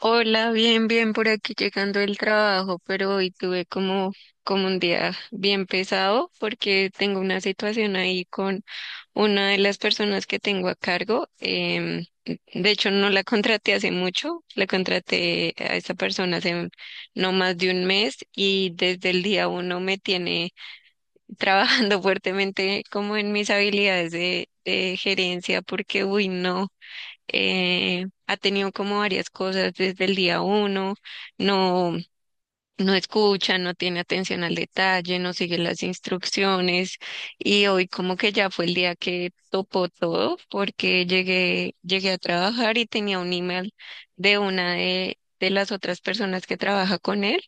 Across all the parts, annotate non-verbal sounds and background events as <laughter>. Hola, bien, bien por aquí llegando del trabajo, pero hoy tuve como un día bien pesado porque tengo una situación ahí con una de las personas que tengo a cargo. De hecho, no la contraté hace mucho, la contraté a esta persona hace no más de un mes y desde el día uno me tiene trabajando <laughs> fuertemente como en mis habilidades de gerencia porque, uy, no ha tenido como varias cosas desde el día uno. No, no escucha, no tiene atención al detalle, no sigue las instrucciones, y hoy como que ya fue el día que topó todo porque llegué a trabajar y tenía un email de las otras personas que trabaja con él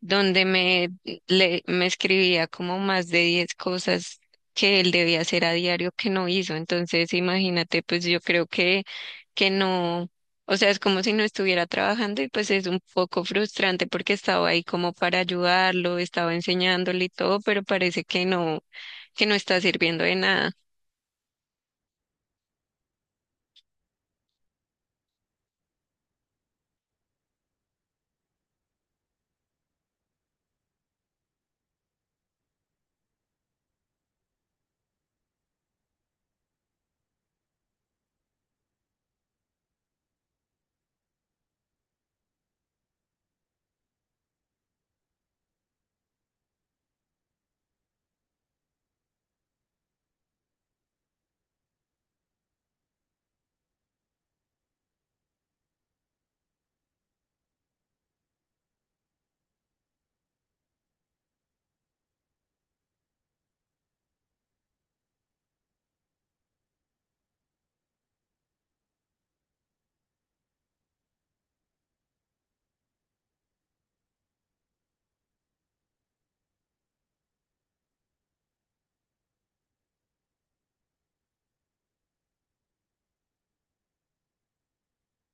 donde me escribía como más de 10 cosas que él debía hacer a diario que no hizo. Entonces, imagínate, pues yo creo que no, o sea, es como si no estuviera trabajando y pues es un poco frustrante porque estaba ahí como para ayudarlo, estaba enseñándole y todo, pero parece que no está sirviendo de nada.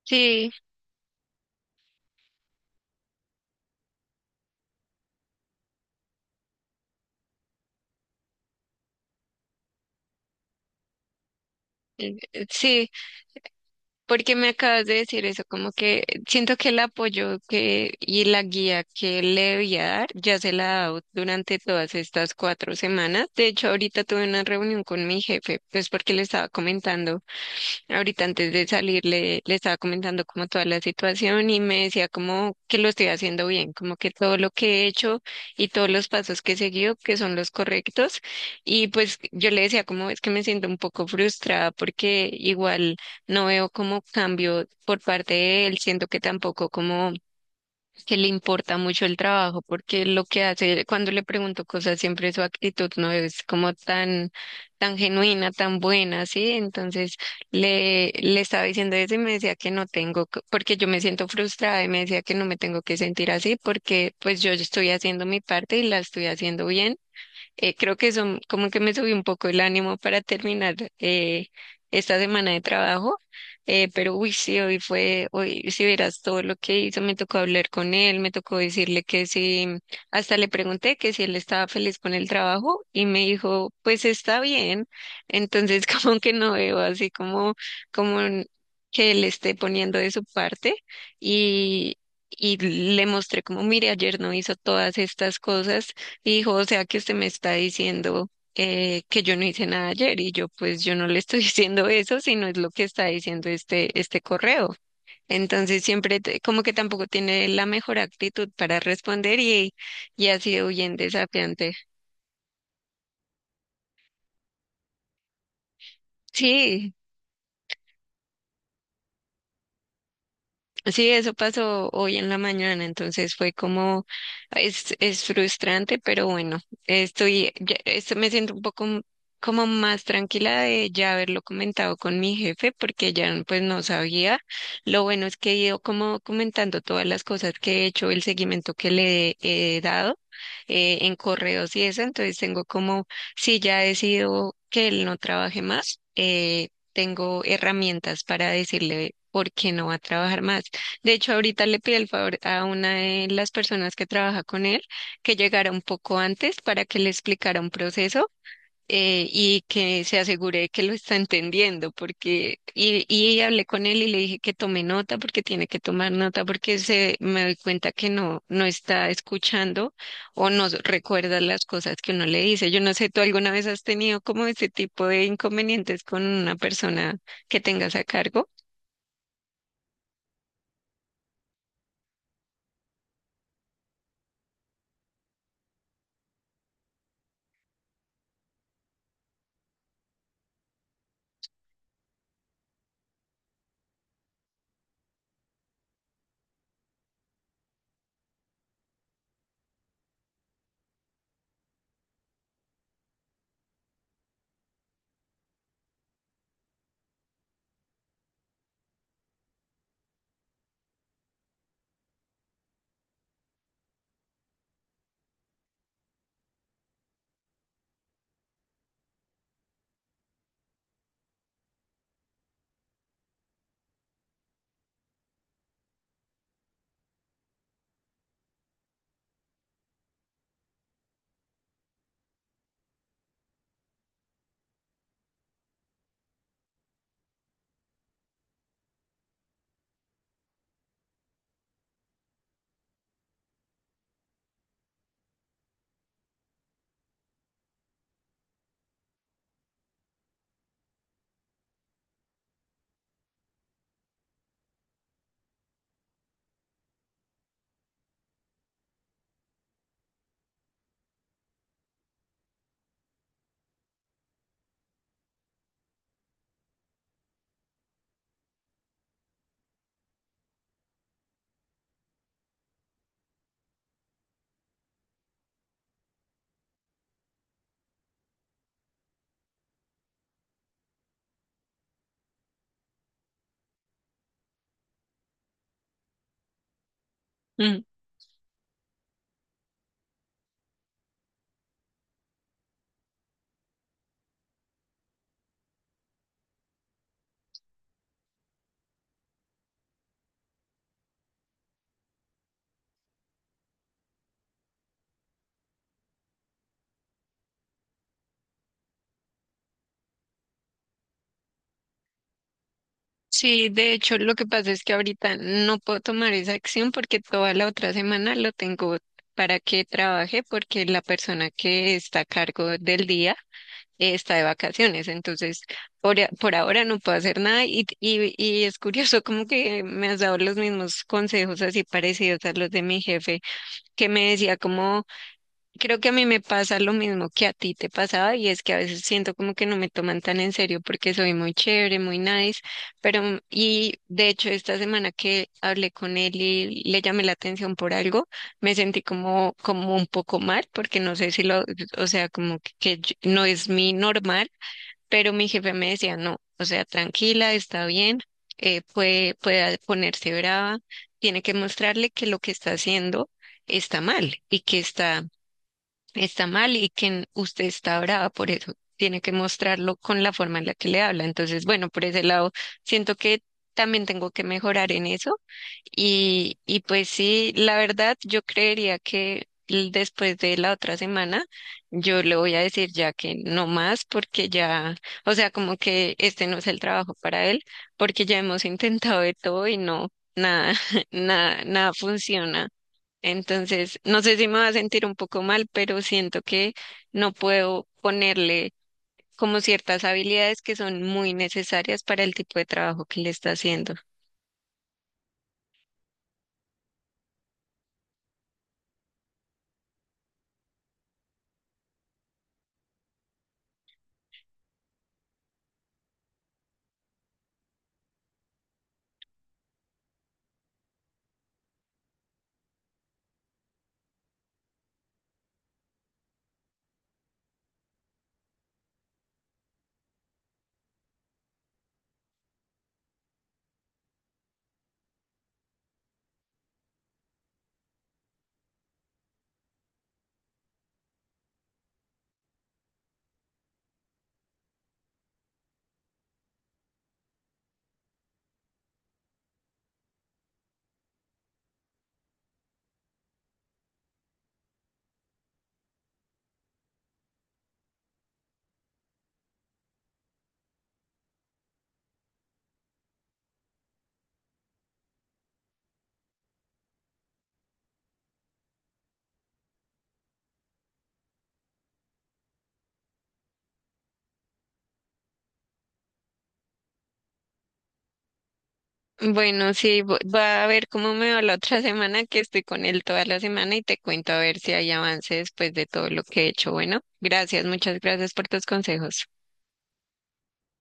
Sí, sí. Porque me acabas de decir eso, como que siento que el apoyo que y la guía que le voy a dar ya se la he dado durante todas estas 4 semanas. De hecho, ahorita tuve una reunión con mi jefe, pues porque le estaba comentando. Ahorita antes de salir le estaba comentando como toda la situación y me decía como que lo estoy haciendo bien, como que todo lo que he hecho y todos los pasos que he seguido que son los correctos. Y pues yo le decía como es que me siento un poco frustrada porque igual no veo como cambio por parte de él, siento que tampoco como que le importa mucho el trabajo, porque lo que hace, cuando le pregunto cosas, siempre su actitud no es como tan, tan genuina, tan buena, ¿sí? Entonces le estaba diciendo eso y me decía que no tengo, porque yo me siento frustrada, y me decía que no me tengo que sentir así, porque pues yo estoy haciendo mi parte y la estoy haciendo bien. Creo que eso como que me subió un poco el ánimo para terminar esta semana de trabajo. Pero uy, sí, hoy si vieras todo lo que hizo, me tocó hablar con él, me tocó decirle que sí, hasta le pregunté que si él estaba feliz con el trabajo y me dijo, pues está bien. Entonces <laughs> como que no veo así como que él esté poniendo de su parte y. Y le mostré como, mire, ayer no hizo todas estas cosas, hijo, o sea que usted me está diciendo que yo no hice nada ayer, y yo pues yo no le estoy <laughs> diciendo eso, sino es lo que está diciendo este correo. Entonces siempre como que tampoco tiene la mejor actitud para responder, y ha sido bien desafiante. Sí. Sí, eso pasó hoy en la mañana, entonces fue como, es frustrante, pero bueno, esto me siento un poco como más tranquila de ya haberlo comentado con mi jefe, porque ya pues no sabía. Lo bueno es que he ido como comentando todas las cosas que he hecho, el seguimiento que le he dado en correos y eso. Entonces tengo como, si ya decido que él no trabaje más, tengo herramientas para decirle por qué no va a trabajar más. De hecho, ahorita le pido el favor a una de las personas que trabaja con él que llegara un poco antes para que le explicara un proceso y que se asegure que lo está entendiendo, porque y hablé con él y le dije que tome nota, porque tiene que tomar nota porque se me doy cuenta que no está escuchando o no recuerda las cosas que uno le dice. Yo no sé, ¿tú alguna vez has tenido como ese tipo de inconvenientes con una persona que tengas a cargo? Sí, de hecho, lo que pasa es que ahorita no puedo tomar esa acción porque toda la otra semana lo tengo para que trabaje porque la persona que está a cargo del día está de vacaciones. Entonces, por ahora no puedo hacer nada, y es curioso como que me has dado los mismos consejos así parecidos a los de mi jefe, que me decía como. Creo que a mí me pasa lo mismo que a ti te pasaba, y es que a veces siento como que no me toman tan en serio porque soy muy chévere, muy nice, pero y de hecho esta semana que hablé con él y le llamé la atención por algo, me sentí como un poco mal porque no sé si lo, o sea, como que no es mi normal, pero mi jefe me decía, "No, o sea, tranquila, está bien, puede ponerse brava, tiene que mostrarle que lo que está haciendo está mal, y que está mal, y que usted está brava por eso. Tiene que mostrarlo con la forma en la que le habla." Entonces, bueno, por ese lado, siento que también tengo que mejorar en eso. Y pues sí, la verdad, yo creería que después de la otra semana, yo le voy a decir ya que no más, porque ya, o sea, como que este no es el trabajo para él, porque ya hemos <laughs> intentado de todo y no, nada, <laughs> nada, nada funciona. Entonces, no sé si me va a sentir un poco mal, pero siento que no puedo ponerle como ciertas habilidades que son muy necesarias para el tipo de trabajo que le está haciendo. Bueno, sí, va a ver cómo me va la otra <laughs> semana, que estoy con él toda la semana, y te cuento a ver si hay avance después de todo lo que he hecho. Bueno, gracias, muchas gracias por tus consejos.